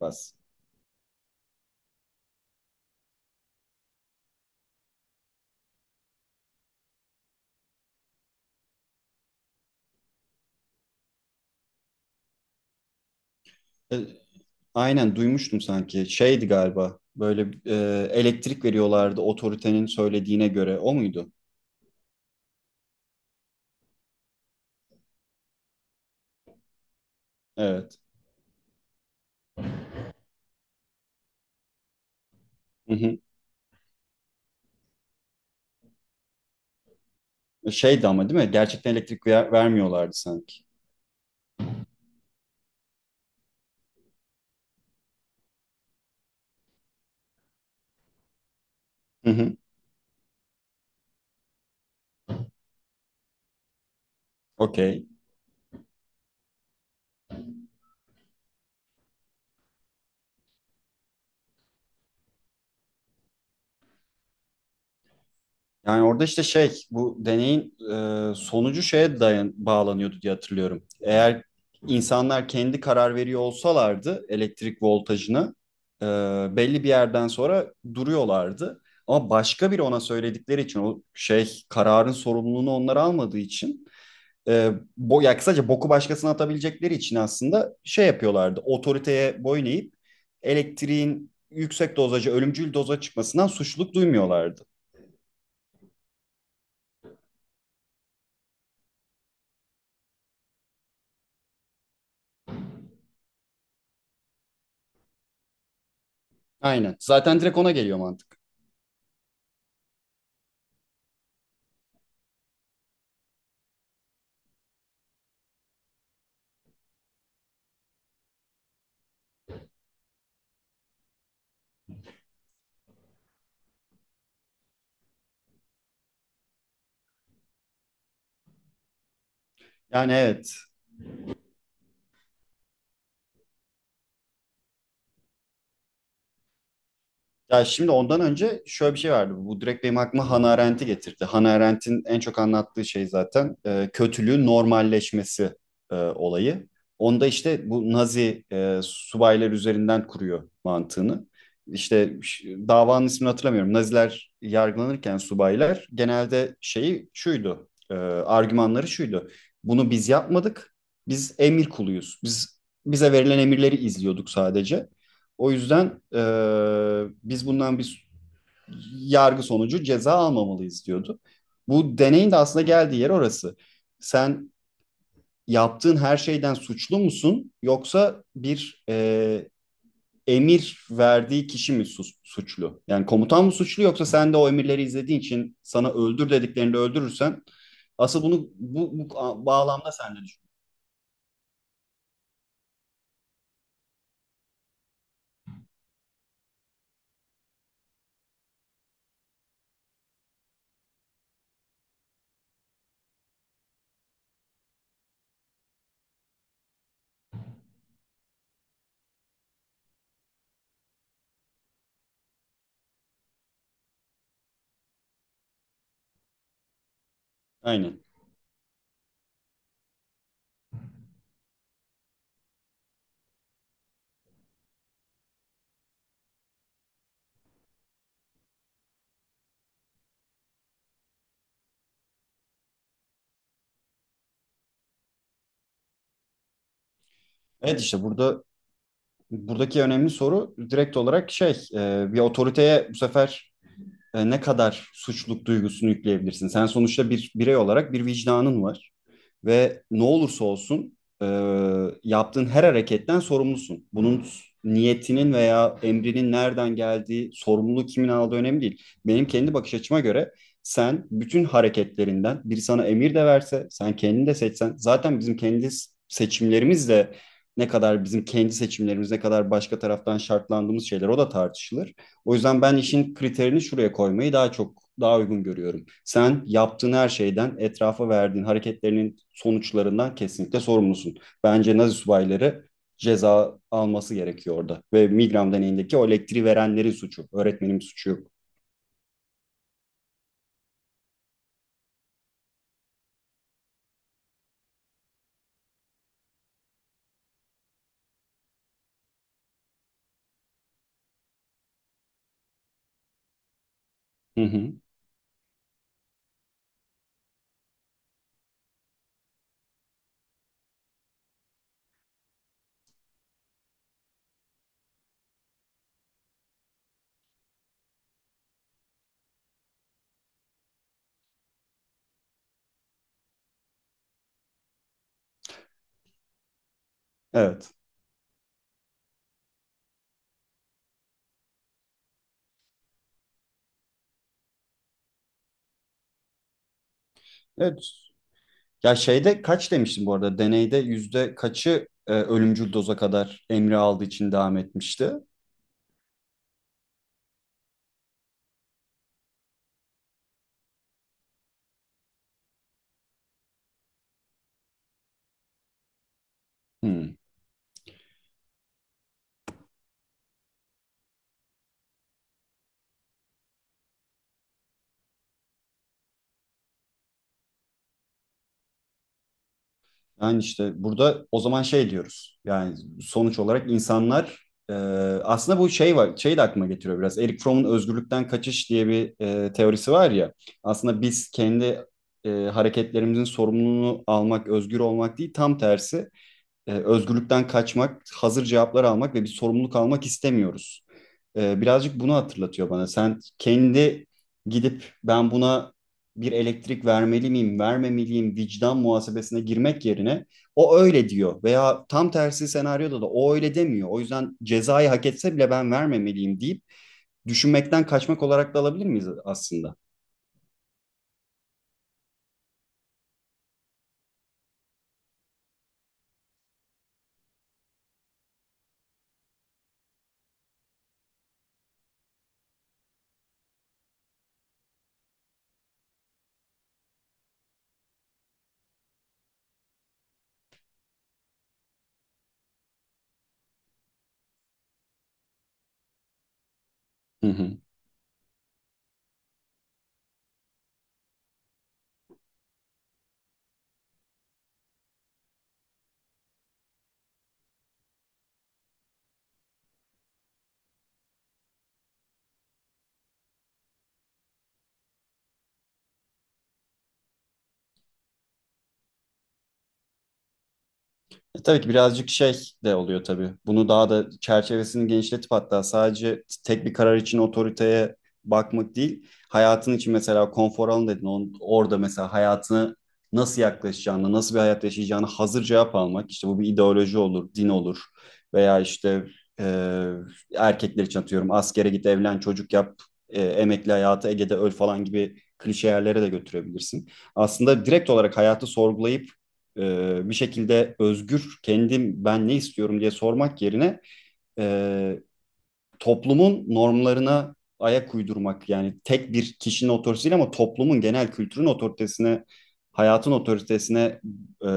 Bas. E, aynen duymuştum sanki. Şeydi galiba. Böyle elektrik veriyorlardı otoritenin söylediğine göre. O muydu? Evet. Hı hı. Şeydi ama değil mi? Gerçekten elektrik vermiyorlardı sanki. Hı hı. Okey. Yani orada işte şey bu deneyin sonucu şeye bağlanıyordu diye hatırlıyorum. Eğer insanlar kendi karar veriyor olsalardı elektrik voltajını e, belli bir yerden sonra duruyorlardı. Ama başka biri ona söyledikleri için o şey kararın sorumluluğunu onlar almadığı için e, bo ya kısaca boku başkasına atabilecekleri için aslında şey yapıyorlardı. Otoriteye boyun eğip elektriğin yüksek dozaja ölümcül doza çıkmasından suçluluk duymuyorlardı. Aynen. Zaten direkt ona geliyor mantık. Yani evet. Ya şimdi ondan önce şöyle bir şey vardı. Bu direkt benim aklıma Hannah Arendt'i getirdi. Hannah Arendt'in en çok anlattığı şey zaten kötülüğün normalleşmesi olayı. Onda işte bu Nazi subaylar üzerinden kuruyor mantığını. İşte davanın ismini hatırlamıyorum. Naziler yargılanırken subaylar genelde şeyi şuydu. Argümanları şuydu. Bunu biz yapmadık. Biz emir kuluyuz. Biz bize verilen emirleri izliyorduk sadece. O yüzden biz bundan bir yargı sonucu ceza almamalıyız diyordu. Bu deneyin de aslında geldiği yer orası. Sen yaptığın her şeyden suçlu musun yoksa bir emir verdiği kişi mi suçlu? Yani komutan mı suçlu yoksa sen de o emirleri izlediğin için sana öldür dediklerini öldürürsen asıl bunu bu bağlamda sen de düşün. Aynen. Evet işte buradaki önemli soru direkt olarak şey bir otoriteye bu sefer ne kadar suçluluk duygusunu yükleyebilirsin? Sen sonuçta bir birey olarak bir vicdanın var ve ne olursa olsun e, yaptığın her hareketten sorumlusun. Bunun niyetinin veya emrinin nereden geldiği, sorumluluğu kimin aldığı önemli değil. Benim kendi bakış açıma göre sen bütün hareketlerinden biri sana emir de verse, sen kendini de seçsen, zaten bizim kendi seçimlerimiz de ne kadar bizim kendi seçimlerimiz ne kadar başka taraftan şartlandığımız şeyler o da tartışılır. O yüzden ben işin kriterini şuraya koymayı daha çok daha uygun görüyorum. Sen yaptığın her şeyden, etrafa verdiğin hareketlerinin sonuçlarından kesinlikle sorumlusun. Bence Nazi subayları ceza alması gerekiyor orada. Ve Milgram deneyindeki o elektriği verenlerin suçu. Öğretmenin suçu yok. Hı hı. Evet. Evet. Ya şeyde kaç demiştim bu arada? Deneyde yüzde kaçı ölümcül doza kadar emri aldığı için devam etmişti? Hı. Yani işte burada o zaman şey diyoruz. Yani sonuç olarak insanlar e, aslında bu şey var, şey de aklıma getiriyor biraz. Eric Fromm'un özgürlükten kaçış diye bir teorisi var ya. Aslında biz kendi hareketlerimizin sorumluluğunu almak, özgür olmak değil, tam tersi özgürlükten kaçmak, hazır cevaplar almak ve bir sorumluluk almak istemiyoruz. Birazcık bunu hatırlatıyor bana. Sen kendi gidip ben buna bir elektrik vermeli miyim, vermemeliyim vicdan muhasebesine girmek yerine o öyle diyor veya tam tersi senaryoda da o öyle demiyor. O yüzden cezayı hak etse bile ben vermemeliyim deyip düşünmekten kaçmak olarak da alabilir miyiz aslında? Hı hı. Tabii ki birazcık şey de oluyor tabii. Bunu daha da çerçevesini genişletip hatta sadece tek bir karar için otoriteye bakmak değil. Hayatın için mesela konfor alanı dedin. Orada mesela hayatını nasıl yaklaşacağını, nasıl bir hayat yaşayacağını hazır cevap almak. İşte bu bir ideoloji olur, din olur veya işte e, erkekler için atıyorum askere git, evlen, çocuk yap, emekli hayatı Ege'de öl falan gibi klişe yerlere de götürebilirsin. Aslında direkt olarak hayatı sorgulayıp bir şekilde özgür kendim ben ne istiyorum diye sormak yerine e, toplumun normlarına ayak uydurmak yani tek bir kişinin otoritesi değil ama toplumun genel kültürün otoritesine hayatın otoritesine e,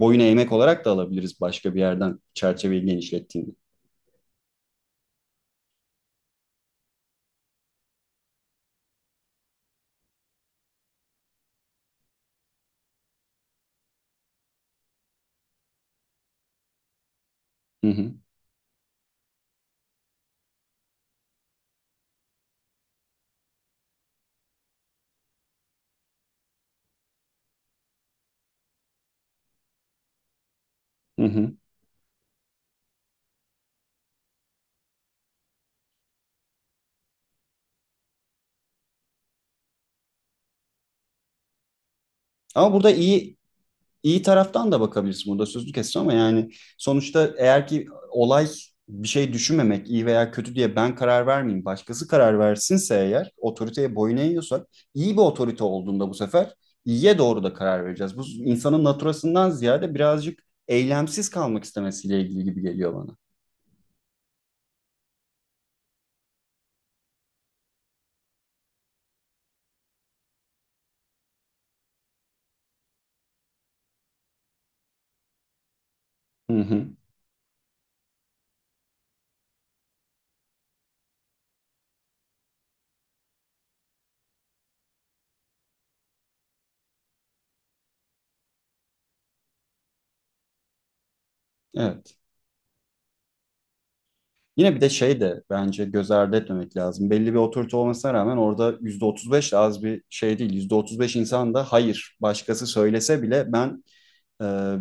boyun eğmek olarak da alabiliriz başka bir yerden çerçeveyi genişlettiğinde. Hı hı, hı hı. Ama burada iyi taraftan da bakabilirsin, burada sözünü kestim ama yani sonuçta eğer ki olay bir şey düşünmemek, iyi veya kötü diye ben karar vermeyeyim başkası karar versinse, eğer otoriteye boyun eğiyorsak iyi bir otorite olduğunda bu sefer iyiye doğru da karar vereceğiz. Bu insanın naturasından ziyade birazcık eylemsiz kalmak istemesiyle ilgili gibi geliyor bana. Hı hı. Evet. Yine bir de şey de bence göz ardı etmemek lazım. Belli bir otorite olmasına rağmen orada %35 de az bir şey değil. %35 insan da hayır başkası söylese bile ben e,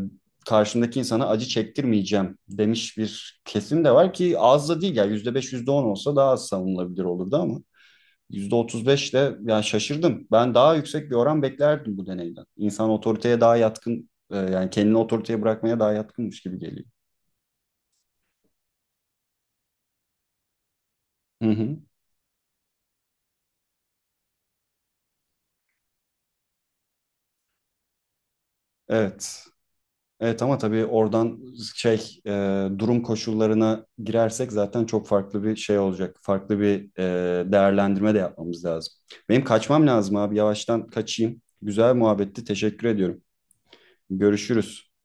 karşımdaki insana acı çektirmeyeceğim demiş bir kesim de var ki az da değil ya, %5 yüzde on olsa daha az savunulabilir olurdu ama %35 de, yani şaşırdım. Ben daha yüksek bir oran beklerdim bu deneyden. İnsan otoriteye daha yatkın, yani kendini otoriteye bırakmaya daha yatkınmış gibi geliyor. Hı hı. Evet. Evet ama tabii oradan şey durum koşullarına girersek zaten çok farklı bir şey olacak. Farklı bir değerlendirme de yapmamız lazım. Benim kaçmam lazım abi. Yavaştan kaçayım. Güzel muhabbetti. Teşekkür ediyorum. Görüşürüz.